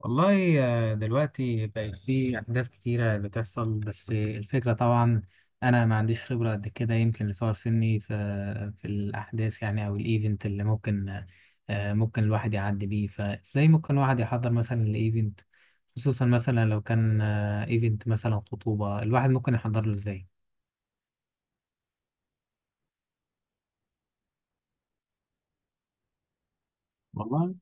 والله آه، دلوقتي بقت في أحداث كتيرة بتحصل، بس الفكرة طبعا أنا ما عنديش خبرة قد كده، يمكن لصغر سني في الأحداث يعني أو الإيفنت اللي ممكن ممكن الواحد يعدي بيه. فإزاي ممكن الواحد يحضر مثلا الإيفنت، خصوصا مثلا لو كان إيفنت مثلا خطوبة؟ الواحد ممكن يحضر له إزاي؟ والله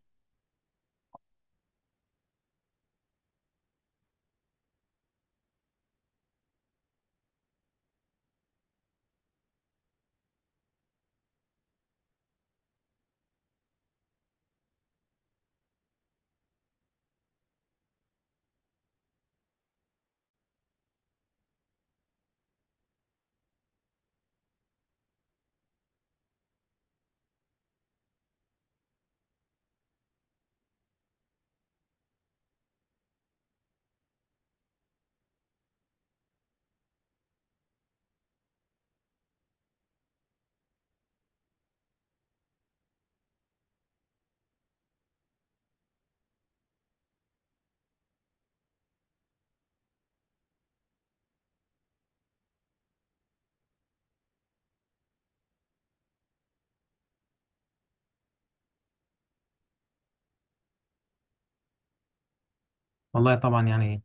والله طبعا يعني،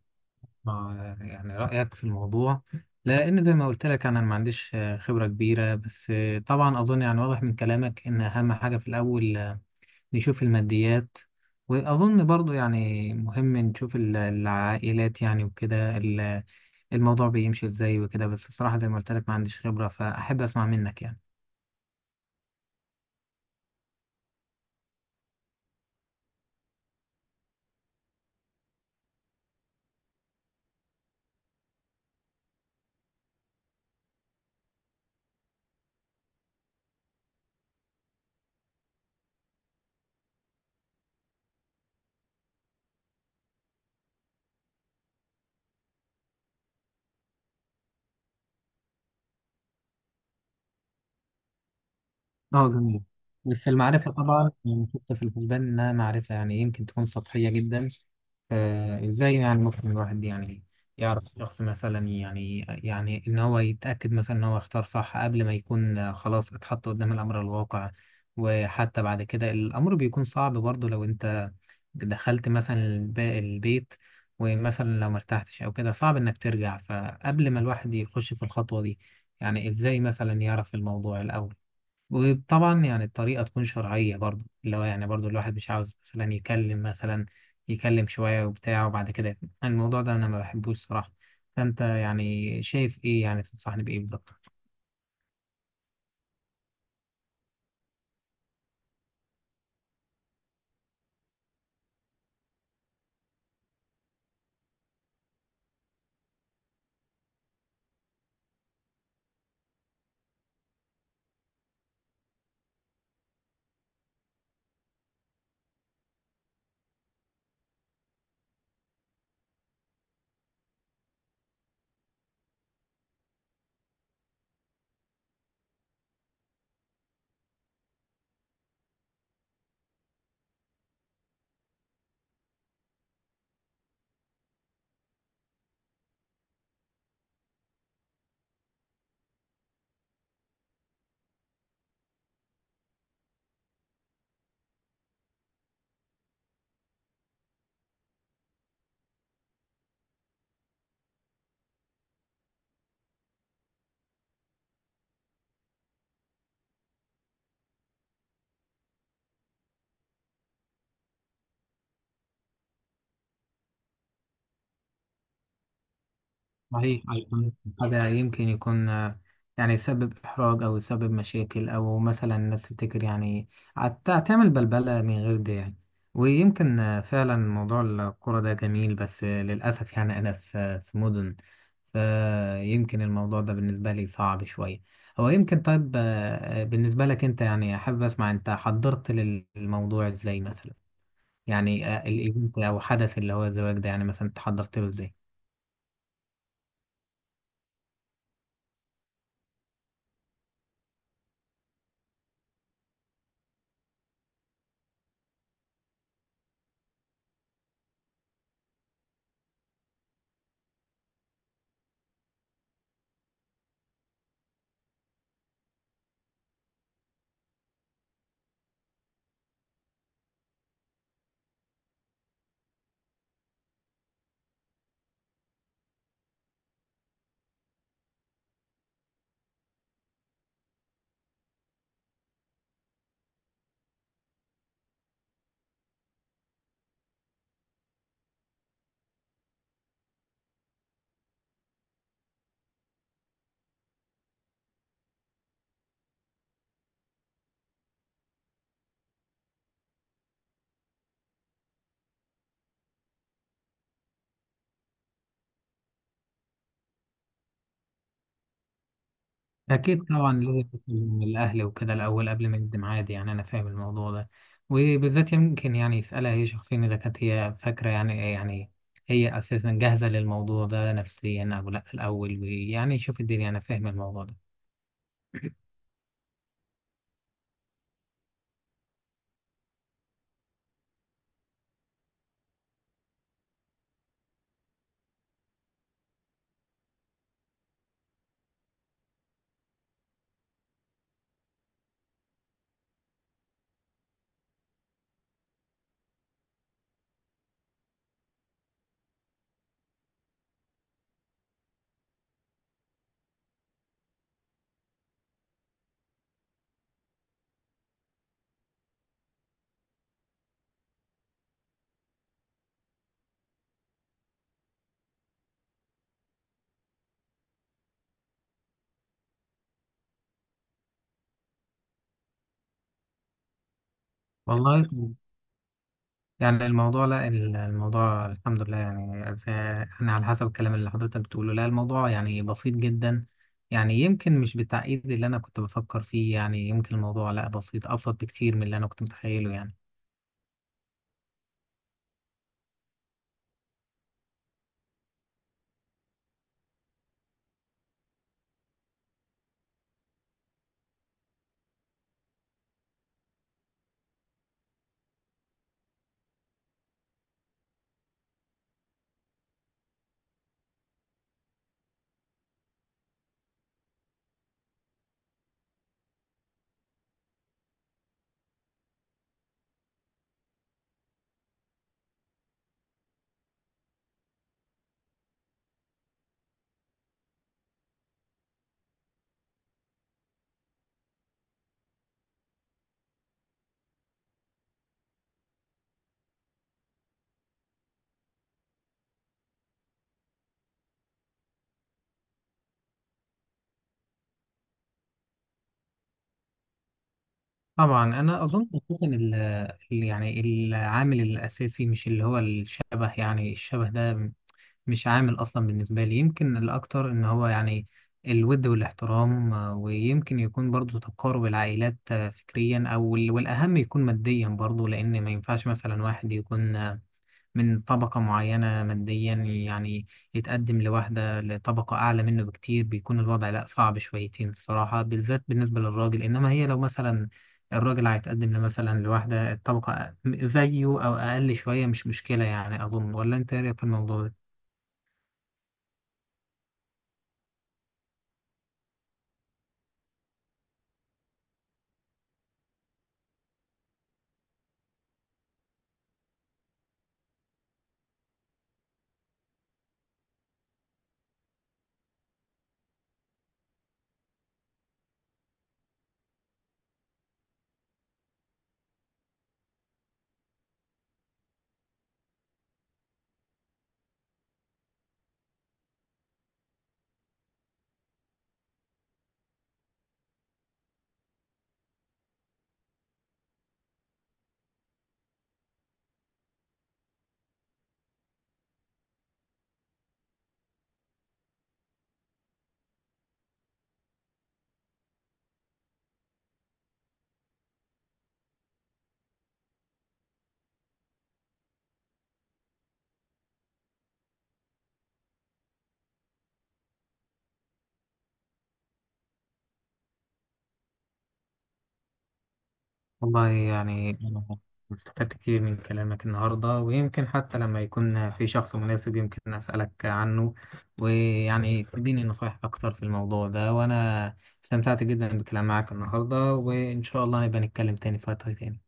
ما يعني رأيك في الموضوع؟ لأن زي ما قلت لك أنا ما عنديش خبرة كبيرة، بس طبعا أظن يعني واضح من كلامك إن أهم حاجة في الأول نشوف الماديات. وأظن برضو يعني مهم نشوف العائلات يعني، وكده الموضوع بيمشي إزاي وكده. بس الصراحة زي ما قلت لك ما عنديش خبرة، فأحب أسمع منك يعني. اه جميل. بس المعرفة طبعا يعني حتى في الحسبان إنها معرفة يعني إيه، يمكن تكون سطحية جدا. فإزاي يعني ممكن الواحد يعني يعرف شخص مثلا، يعني يعني إن هو يتأكد مثلا إن هو اختار صح قبل ما يكون خلاص اتحط قدام الأمر الواقع؟ وحتى بعد كده الأمر بيكون صعب برضه لو أنت دخلت مثلا البيت، ومثلا لو مرتحتش أو كده صعب إنك ترجع. فقبل ما الواحد يخش في الخطوة دي، يعني إزاي مثلا يعرف الموضوع الأول؟ وطبعا يعني الطريقة تكون شرعية برضو، اللي هو يعني برضو الواحد مش عاوز مثلا يكلم شوية وبتاع وبعد كده يقفل. الموضوع ده أنا ما بحبوش صراحة. فأنت يعني شايف إيه؟ يعني تنصحني بإيه بالظبط؟ صحيح أيضاً، هذا يمكن يكون يعني يسبب إحراج أو يسبب مشاكل، أو مثلا الناس تفتكر يعني تعمل بلبلة من غير ده يعني. ويمكن فعلا موضوع الكرة ده جميل، بس للأسف يعني أنا في مدن، فيمكن الموضوع ده بالنسبة لي صعب شوية. هو يمكن طيب، بالنسبة لك أنت يعني أحب أسمع، أنت حضرت للموضوع إزاي مثلا؟ يعني الإيفنت أو حدث اللي هو الزواج ده، يعني مثلا أنت حضرت له إزاي؟ أكيد طبعا لازم يكون الأهل وكده الأول قبل ما يقدم عادي، يعني أنا فاهم الموضوع ده. وبالذات يمكن يعني يسألها هي شخصيا إذا كانت هي فاكرة يعني إيه، يعني هي أساسا جاهزة للموضوع ده نفسيا أو لأ في الأول، ويعني يشوف الدنيا. أنا فاهم الموضوع ده. والله يعني الموضوع لا، الموضوع الحمد لله يعني، زي- يعني على حسب الكلام اللي حضرتك بتقوله، لا الموضوع يعني بسيط جدا. يعني يمكن مش بالتعقيد اللي أنا كنت بفكر فيه، يعني يمكن الموضوع لا بسيط، أبسط بكتير من اللي أنا كنت متخيله يعني. طبعا انا اظن اساسا يعني العامل الاساسي مش اللي هو الشبه، يعني الشبه ده مش عامل اصلا بالنسبه لي. يمكن الاكتر ان هو يعني الود والاحترام، ويمكن يكون برضو تقارب العائلات فكريا او ال- والاهم يكون ماديا برضو، لان ما ينفعش مثلا واحد يكون من طبقة معينة ماديا يعني يتقدم لواحدة لطبقة أعلى منه بكتير. بيكون الوضع لأ صعب شويتين الصراحة، بالذات بالنسبة للراجل. إنما هي لو مثلا الراجل هيتقدم مثلا لواحدة الطبقة زيه أو أقل شوية مش مشكلة يعني أظن، ولا أنت إيه رأيك في الموضوع ده؟ والله يعني أنا استفدت كتير من كلامك النهاردة، ويمكن حتى لما يكون في شخص مناسب يمكن أسألك عنه ويعني تديني نصايح أكتر في الموضوع ده. وأنا استمتعت جدا بالكلام معك النهاردة، وإن شاء الله نبقى نتكلم تاني في وقت تاني.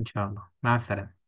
إن شاء الله، مع السلامة.